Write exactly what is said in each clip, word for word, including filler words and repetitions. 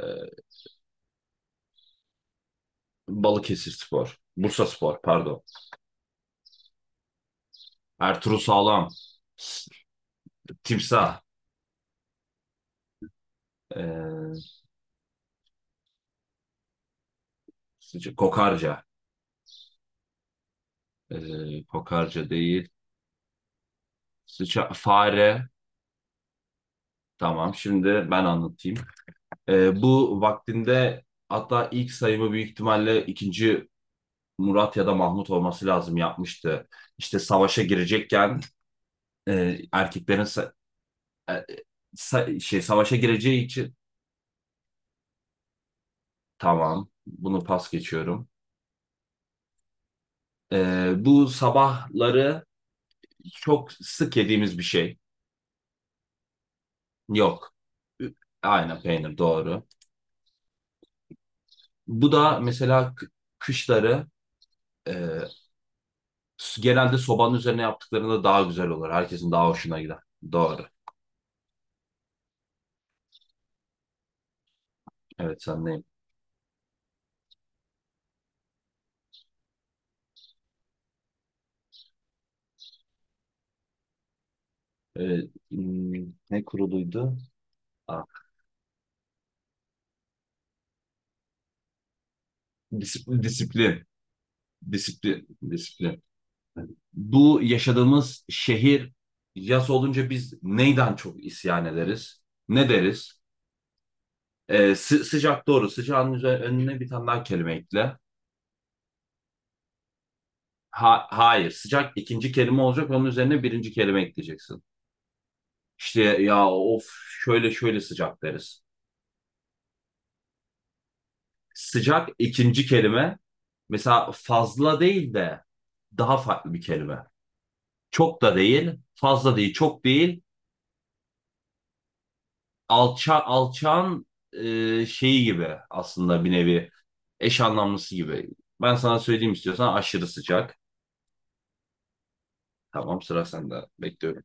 Ee, Balıkesir Spor. Bursa Spor pardon. Ertuğrul Sağlam. Timsah. Ee, Sıca- Kokarca. Ee, Kokarca değil. Sıça, fare. Tamam, şimdi ben anlatayım. Ee, bu vaktinde, hatta ilk sayımı büyük ihtimalle ikinci Murat ya da Mahmut olması lazım, yapmıştı. İşte savaşa girecekken, e, erkeklerin sa- e, sa- şey savaşa gireceği için, tamam bunu pas geçiyorum. Ee, bu sabahları çok sık yediğimiz bir şey. Yok. Ü- Aynen, peynir doğru. Bu da mesela k- kışları, e, s- genelde sobanın üzerine yaptıklarında daha güzel olur. Herkesin daha hoşuna gider. Doğru. Evet, sendeyim. Ee, hmm, ne kuruluydu? Ah, disiplin, disiplin. Disiplin. Disiplin. Bu yaşadığımız şehir, yaz olunca biz neyden çok isyan ederiz? Ne deriz? Ee, sı- sıcak, doğru. Sıcağın üzerine, önüne bir tane daha kelime ekle. Ha- hayır. Sıcak ikinci kelime olacak. Onun üzerine birinci kelime ekleyeceksin. İşte ya, of, şöyle şöyle sıcak deriz. Sıcak ikinci kelime. Mesela fazla değil de daha farklı bir kelime. Çok da değil. Fazla değil. Çok değil. Alça, alçağın e, şeyi gibi, aslında bir nevi eş anlamlısı gibi. Ben sana söyleyeyim istiyorsan, aşırı sıcak. Tamam, sıra sende. Bekliyorum.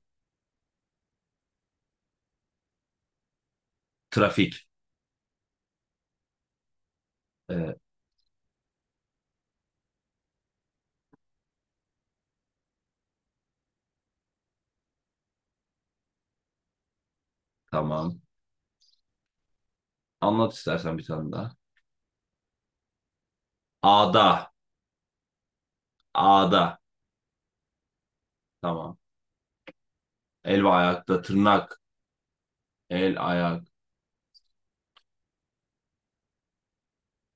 Trafik. Evet, tamam. Anlat istersen bir tane daha. Ada. Ada. Tamam. El ve ayakta tırnak. El ayak.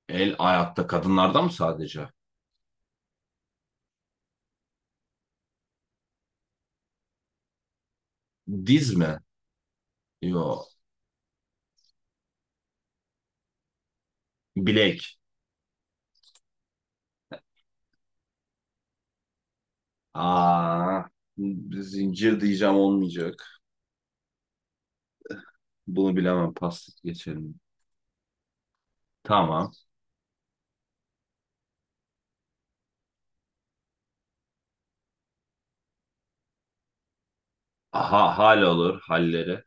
El ayakta kadınlarda mı sadece? Diz mi? Yo. Bilek. Aa, zincir diyeceğim, olmayacak. Bunu bilemem. Pas geçelim. Tamam. Aha, hal olur. Halleri.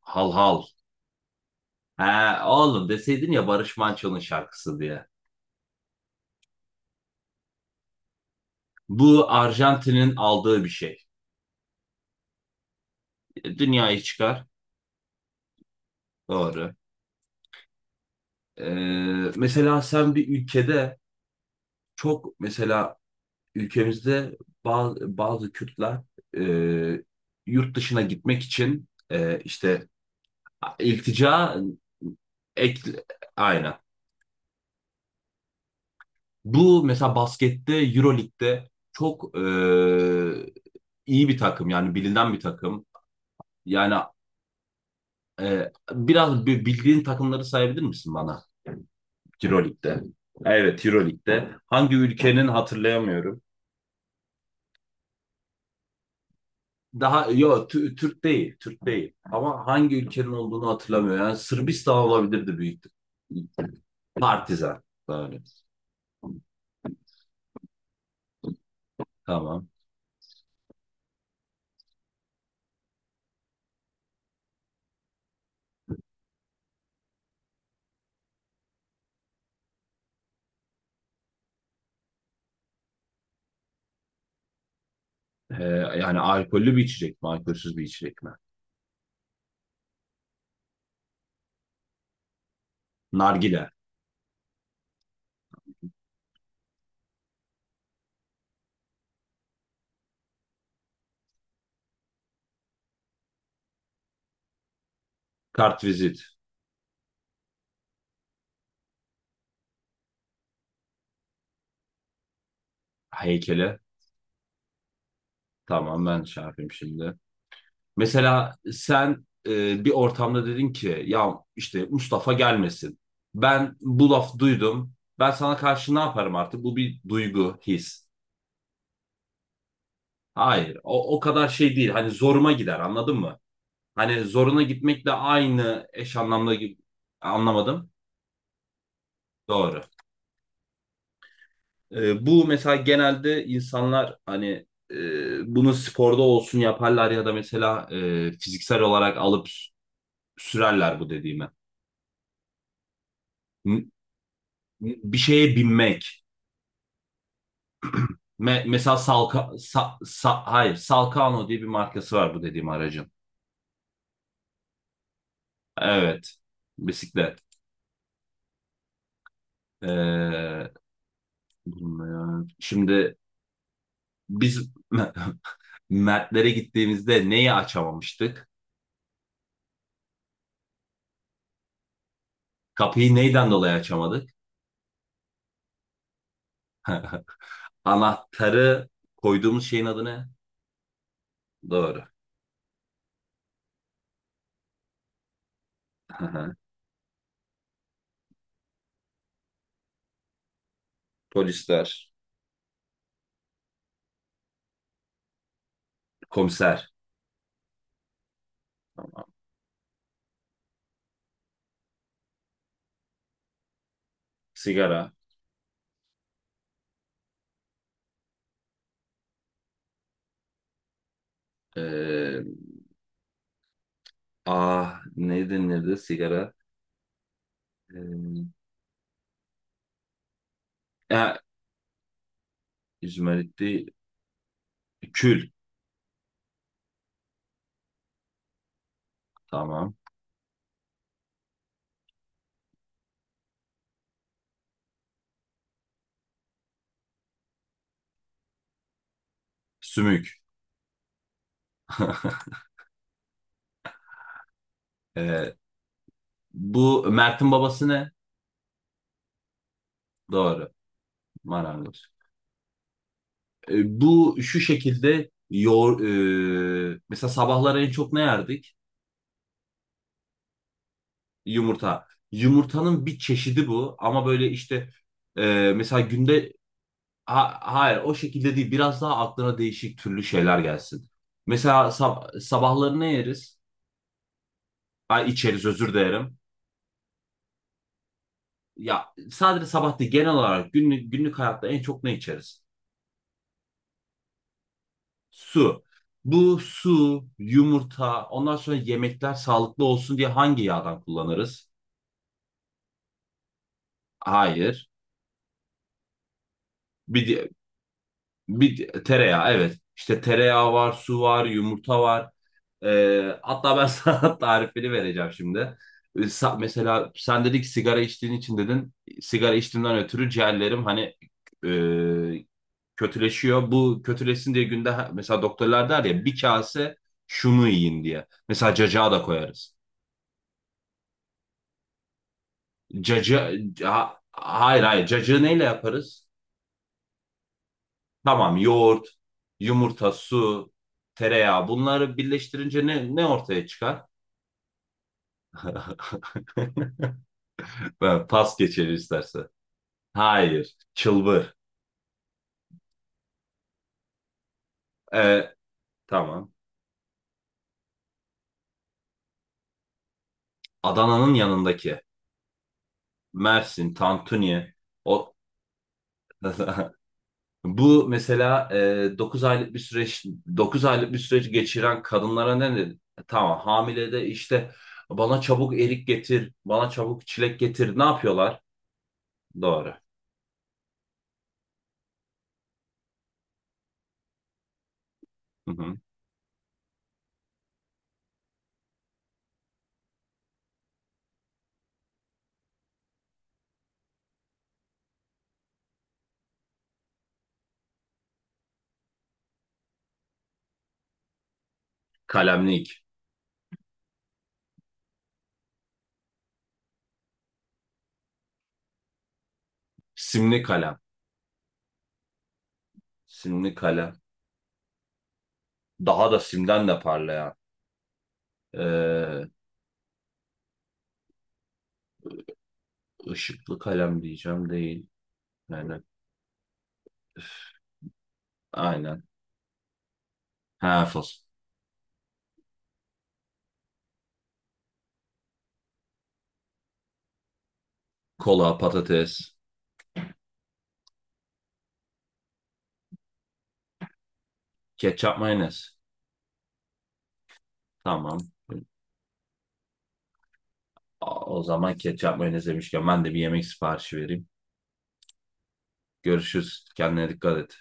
Hal hal. He, oğlum, deseydin ya Barış Manço'nun şarkısı diye. Bu Arjantin'in aldığı bir şey. Dünyayı çıkar. Doğru. Ee, mesela sen bir ülkede, çok mesela ülkemizde, bazı, bazı Kürtler e, yurt dışına gitmek için, e, işte iltica. ek, aynen. Bu mesela baskette Euroleague'de çok e, iyi bir takım, yani bilinen bir takım. Yani, e, biraz bi- bildiğin takımları sayabilir misin bana, Euroleague'de? Evet, Euroleague'de. Hangi ülkenin, hatırlayamıyorum. Daha yok. Türk değil, Türk değil. Ama hangi ülkenin olduğunu hatırlamıyorum. Yani Sırbistan olabilirdi, büyük. Partizan. Böyle. Tamam. Ee, yani alkollü bir içecek mi, alkolsüz bir içecek mi? Nargile. Kartvizit. Heykeli. Tamam, ben şey yapayım şimdi. Mesela sen e, bir ortamda dedin ki, ya işte Mustafa gelmesin. Ben bu laf duydum. Ben sana karşı ne yaparım artık? Bu bir duygu, his. Hayır, o, o kadar şey değil. Hani zoruma gider, anladın mı? Hani zoruna gitmekle aynı eş anlamda gibi, anlamadım. Doğru. Ee, bu mesela genelde insanlar hani, e, bunu sporda olsun yaparlar ya da mesela e, fiziksel olarak alıp s- sürerler bu dediğimi. N- Bir şeye binmek. Me- mesela Salka, Sa- Sa- hayır, Salkano diye bir markası var bu dediğim aracın. Evet, bisiklet. Ee, Bilmiyorum. Şimdi biz Mertlere gittiğimizde neyi açamamıştık? Kapıyı neyden dolayı açamadık? Anahtarı koyduğumuz şeyin adı ne? Doğru. Polisler. Komiser. Sigara. Ee, aa, ne denirdi sigara? Ee, ya, Yüzüme gitti. Kül. Tamam. Sümük. Ee, Bu Mert'in babası ne? Doğru. Marangoz. E, bu şu şekilde yoğur, e, Mesela sabahlar en çok ne yerdik? Yumurta. Yumurtanın bir çeşidi bu, ama böyle işte e, mesela günde... ha- Hayır, o şekilde değil, biraz daha aklına değişik türlü şeyler gelsin. Mesela sab- sabahları ne yeriz? Ay, içeriz, özür dilerim. Ya sadece sabah değil, genel olarak günlük, günlük hayatta en çok ne içeriz? Su. Bu su, yumurta, ondan sonra yemekler sağlıklı olsun diye hangi yağdan kullanırız? Hayır. Bir, di- Bir tereyağı, evet. İşte tereyağı var, su var, yumurta var. Ee, hatta ben sana tarifini vereceğim şimdi. Ee, sa- Mesela sen dedik, sigara içtiğin için dedin. Sigara içtiğimden ötürü ciğerlerim hani, e, kötüleşiyor. Bu kötüleşsin diye günde, ha- mesela doktorlar der ya, bir kase şunu yiyin diye. Mesela cacığa da koyarız. Cacı, ha- hayır, hayır, cacığı neyle yaparız? Tamam, yoğurt, yumurta, su, tereyağı, bunları birleştirince ne, ne ortaya çıkar? Ben pas geçelim istersen. Hayır. Çılbır. Ee, tamam. Adana'nın yanındaki. Mersin, Tantuni. O... Bu mesela e, dokuz aylık bir süreç dokuz aylık bir süreç geçiren kadınlara ne dedi? E, Tamam, hamile de işte, bana çabuk erik getir, bana çabuk çilek getir. Ne yapıyorlar? Doğru. Hı hı. Kalemli. Simli kalem. Simli kalem. Daha da simden de parlayan. Ee, ışıklı kalem diyeceğim, değil. Yani, üf, aynen. Hafız. Kola, patates, ketçap, mayonez. Tamam. A- O zaman ketçap, mayonez demişken, ben de bir yemek siparişi vereyim. Görüşürüz. Kendine dikkat et.